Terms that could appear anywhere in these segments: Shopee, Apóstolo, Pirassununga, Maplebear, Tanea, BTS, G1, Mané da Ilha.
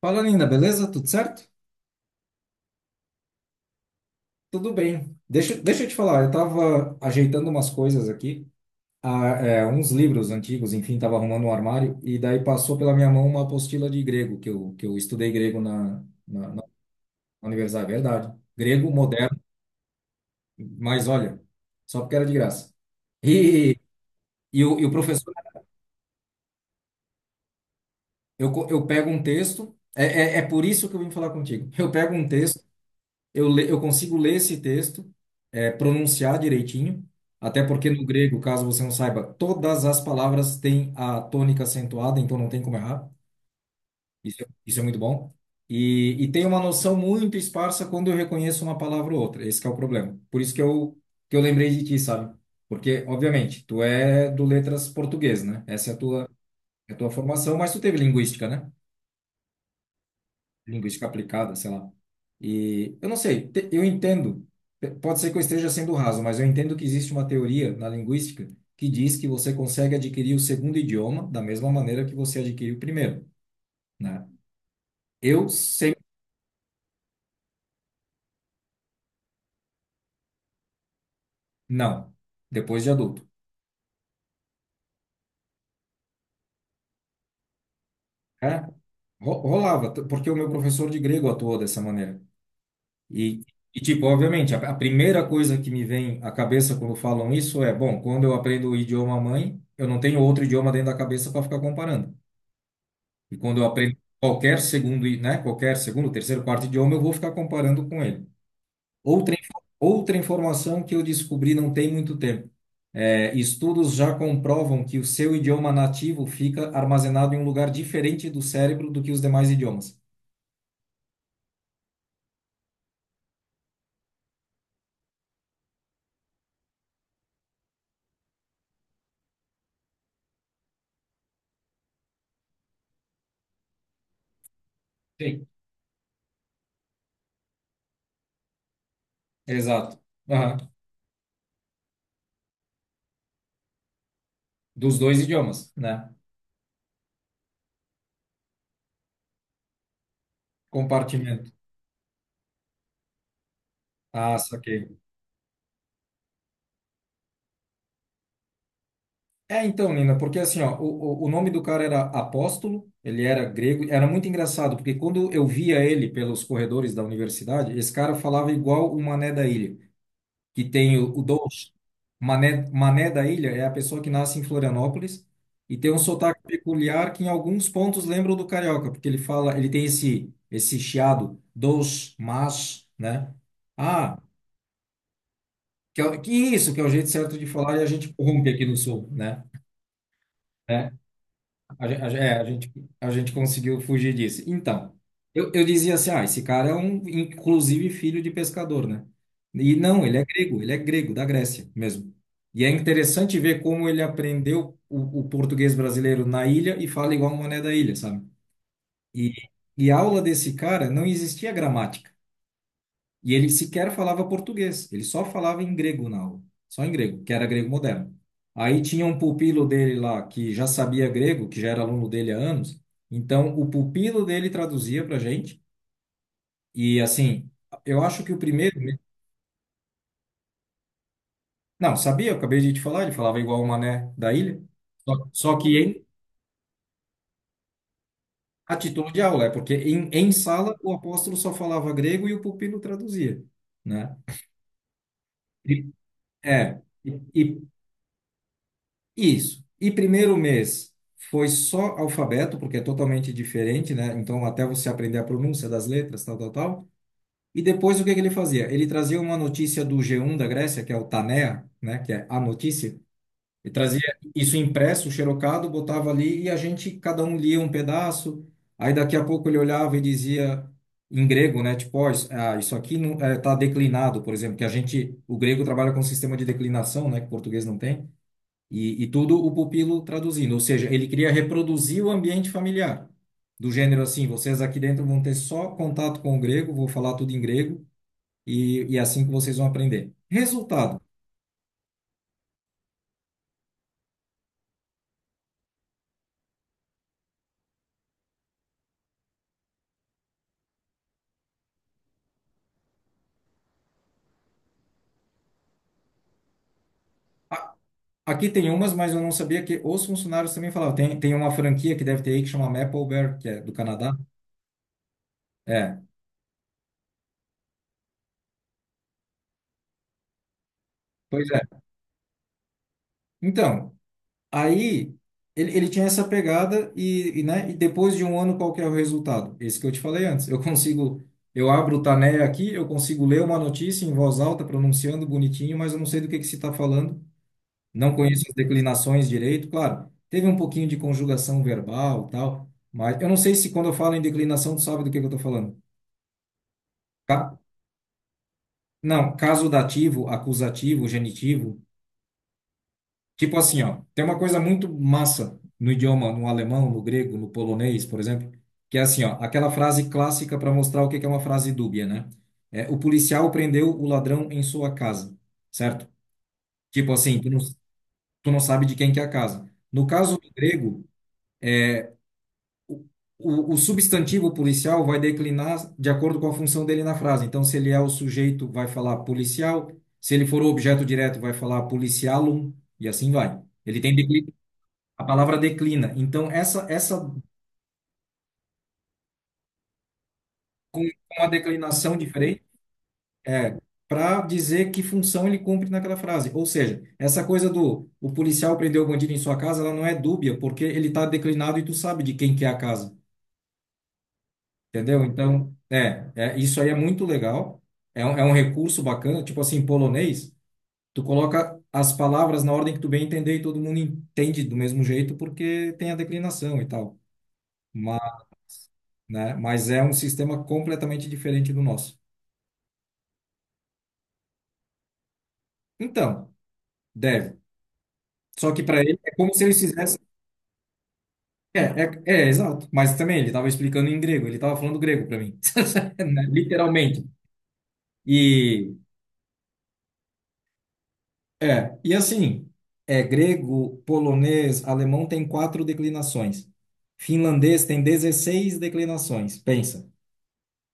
Fala, Nina, beleza? Tudo certo? Tudo bem. Deixa eu te falar, eu tava ajeitando umas coisas aqui, uns livros antigos, enfim, tava arrumando um armário, e daí passou pela minha mão uma apostila de grego, que eu estudei grego na universidade. Verdade. Grego moderno, mas olha, só porque era de graça. E, e o professor, eu pego um texto. É por isso que eu vim falar contigo. Eu pego um texto. Eu consigo ler esse texto, pronunciar direitinho, até porque no grego, caso você não saiba, todas as palavras têm a tônica acentuada, então não tem como errar. Isso. Isso é muito bom. E tem uma noção muito esparsa quando eu reconheço uma palavra ou outra. Esse que é o problema. Por isso que eu lembrei de ti, sabe? Porque, obviamente, tu é do letras português, né? Essa é a tua formação, mas tu teve linguística, né? Linguística aplicada, sei lá. E eu não sei, eu entendo, pode ser que eu esteja sendo raso, mas eu entendo que existe uma teoria na linguística que diz que você consegue adquirir o segundo idioma da mesma maneira que você adquiriu o primeiro, né? Eu sempre. Não, depois de adulto. É, rolava, porque o meu professor de grego atuou dessa maneira. E, e tipo, obviamente, a primeira coisa que me vem à cabeça quando falam isso é, bom, quando eu aprendo o idioma mãe, eu não tenho outro idioma dentro da cabeça para ficar comparando. E quando eu aprendo qualquer segundo, terceiro, quarto idioma, eu vou ficar comparando com ele. Outra informação que eu descobri não tem muito tempo. É, estudos já comprovam que o seu idioma nativo fica armazenado em um lugar diferente do cérebro do que os demais idiomas. Sim. Exato. Aham. Dos dois idiomas, né? Compartimento. Ah, saquei. É, então, Nina, porque assim, ó, o nome do cara era Apóstolo, ele era grego, era muito engraçado, porque quando eu via ele pelos corredores da universidade, esse cara falava igual o Mané da Ilha, que tem o Dolce. Mané da Ilha é a pessoa que nasce em Florianópolis e tem um sotaque peculiar que em alguns pontos lembra o do carioca, porque ele tem esse chiado, dos, mas, né? Ah, que isso, que é o jeito certo de falar e a gente corrompe aqui no sul, né? É, a gen- é, a gente conseguiu fugir disso. Então, eu dizia assim, esse cara é um, inclusive, filho de pescador, né? E não, ele é grego, da Grécia mesmo. E é interessante ver como ele aprendeu o português brasileiro na ilha e fala igual um mané da ilha, sabe? E, e a aula desse cara não existia gramática. E ele sequer falava português, ele só falava em grego na aula, só em grego, que era grego moderno. Aí tinha um pupilo dele lá que já sabia grego, que já era aluno dele há anos, então o pupilo dele traduzia para gente, e assim, eu acho que o primeiro. Não, sabia, eu acabei de te falar, ele falava igual o Mané da ilha, só que a título de aula, é porque em sala o Apóstolo só falava grego e o pupilo traduzia, né? E- É. Isso. E primeiro mês foi só alfabeto, porque é totalmente diferente, né? Então, até você aprender a pronúncia das letras, tal, tal, tal. E depois, o que que ele fazia? Ele trazia uma notícia do G1 da Grécia, que é o Tanea, né? Que é a notícia. E trazia isso impresso, xerocado, botava ali e a gente, cada um lia um pedaço. Aí, daqui a pouco, ele olhava e dizia em grego, né? Tipo, ó, isso aqui não, tá declinado, por exemplo, que o grego trabalha com um sistema de declinação, né? Que o português não tem. E tudo o pupilo traduzindo, ou seja, ele queria reproduzir o ambiente familiar, do gênero assim, vocês aqui dentro vão ter só contato com o grego, vou falar tudo em grego, e é assim que vocês vão aprender. Resultado, a- aqui tem umas, mas eu não sabia que os funcionários também falavam, tem uma franquia que deve ter aí que chama Maplebear, que é do Canadá, é, pois é. Então, aí ele tinha essa pegada e depois de um ano qual que é o resultado? Esse que eu te falei antes. Eu consigo, eu abro o Taneia aqui, eu consigo ler uma notícia em voz alta, pronunciando bonitinho, mas eu não sei do que se está falando, não conheço as declinações direito, claro. Teve um pouquinho de conjugação verbal, tal, mas eu não sei se quando eu falo em declinação tu sabe do que eu estou falando. Ca- Não, caso dativo, acusativo, genitivo. Tipo assim, ó, tem uma coisa muito massa no idioma, no alemão, no grego, no polonês, por exemplo, que é assim, ó, aquela frase clássica para mostrar o que que é uma frase dúbia, né? É, o policial prendeu o ladrão em sua casa, certo? Tipo assim, tu não sabe de quem que é a casa. No caso do grego, o, o substantivo policial vai declinar de acordo com a função dele na frase. Então, se ele é o sujeito, vai falar policial. Se ele for o objeto direto, vai falar policialum, e assim vai. Ele tem declinações. A palavra declina. Então, essa com uma declinação diferente é para dizer que função ele cumpre naquela frase. Ou seja, essa coisa do o policial prendeu o bandido em sua casa, ela não é dúbia, porque ele está declinado e tu sabe de quem que é a casa. Entendeu? Então, é isso aí é muito legal. É um recurso bacana. Tipo assim, em polonês, tu coloca as palavras na ordem que tu bem entender e todo mundo entende do mesmo jeito, porque tem a declinação e tal. Mas, né, mas é um sistema completamente diferente do nosso. Então, deve. Só que para ele é como se eles fizessem. É, é, é, exato. Mas também ele estava explicando em grego, ele estava falando grego para mim, né? Literalmente. E e assim, é grego, polonês, alemão tem quatro declinações. Finlandês tem 16 declinações. Pensa.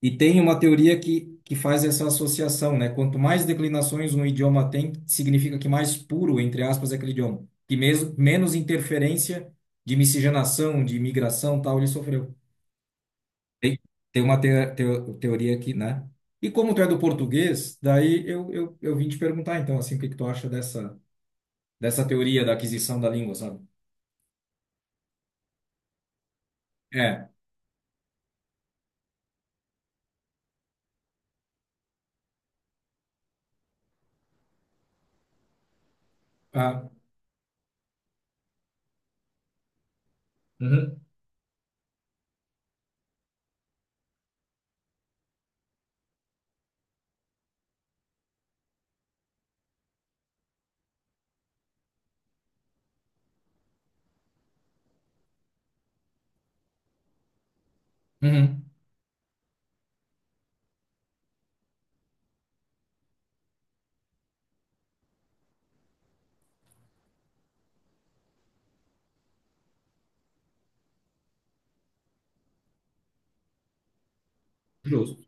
E tem uma teoria que faz essa associação, né? Quanto mais declinações um idioma tem, significa que mais puro, entre aspas, é aquele idioma. Que mesmo, menos interferência de miscigenação, de imigração, tal, ele sofreu. Tem, tem uma teoria aqui, né? E como tu é do português, daí eu vim te perguntar, então, assim, o que que tu acha dessa, dessa teoria da aquisição da língua, sabe? É. Ah, Uhum. Uhum. Justo.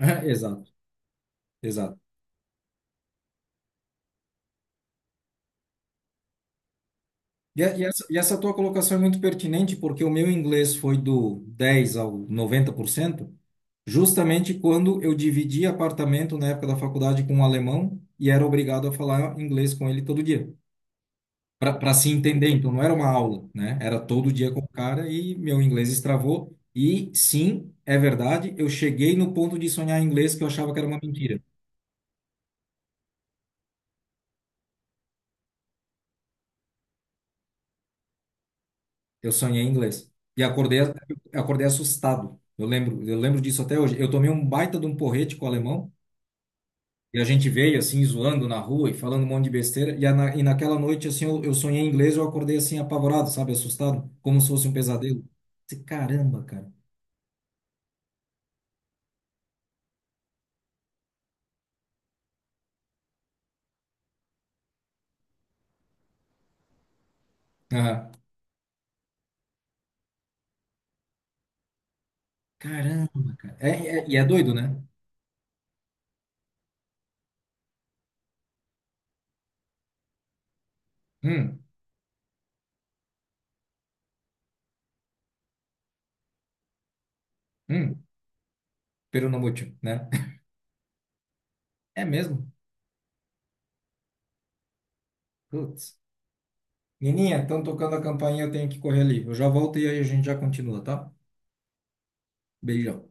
Exato, exato. E essa tua colocação é muito pertinente, porque o meu inglês foi do 10% ao 90%, justamente quando eu dividi apartamento na época da faculdade com um alemão e era obrigado a falar inglês com ele todo dia, para se entender. Então não era uma aula, né? Era todo dia com o cara e meu inglês estravou. E sim, é verdade, eu cheguei no ponto de sonhar em inglês que eu achava que era uma mentira. Eu sonhei em inglês. E acordei, acordei assustado. Eu lembro disso até hoje. Eu tomei um baita de um porrete com o alemão e a gente veio assim zoando na rua e falando um monte de besteira. E naquela noite assim eu sonhei em inglês, e eu acordei assim apavorado, sabe, assustado, como se fosse um pesadelo. Disse, caramba, cara. Aham. Caramba, cara. E é doido, né? Hum, hum, pero no mucho, né? É mesmo? Putz. Nininha, estão tocando a campainha, eu tenho que correr ali. Eu já volto e aí a gente já continua, tá? Beijão.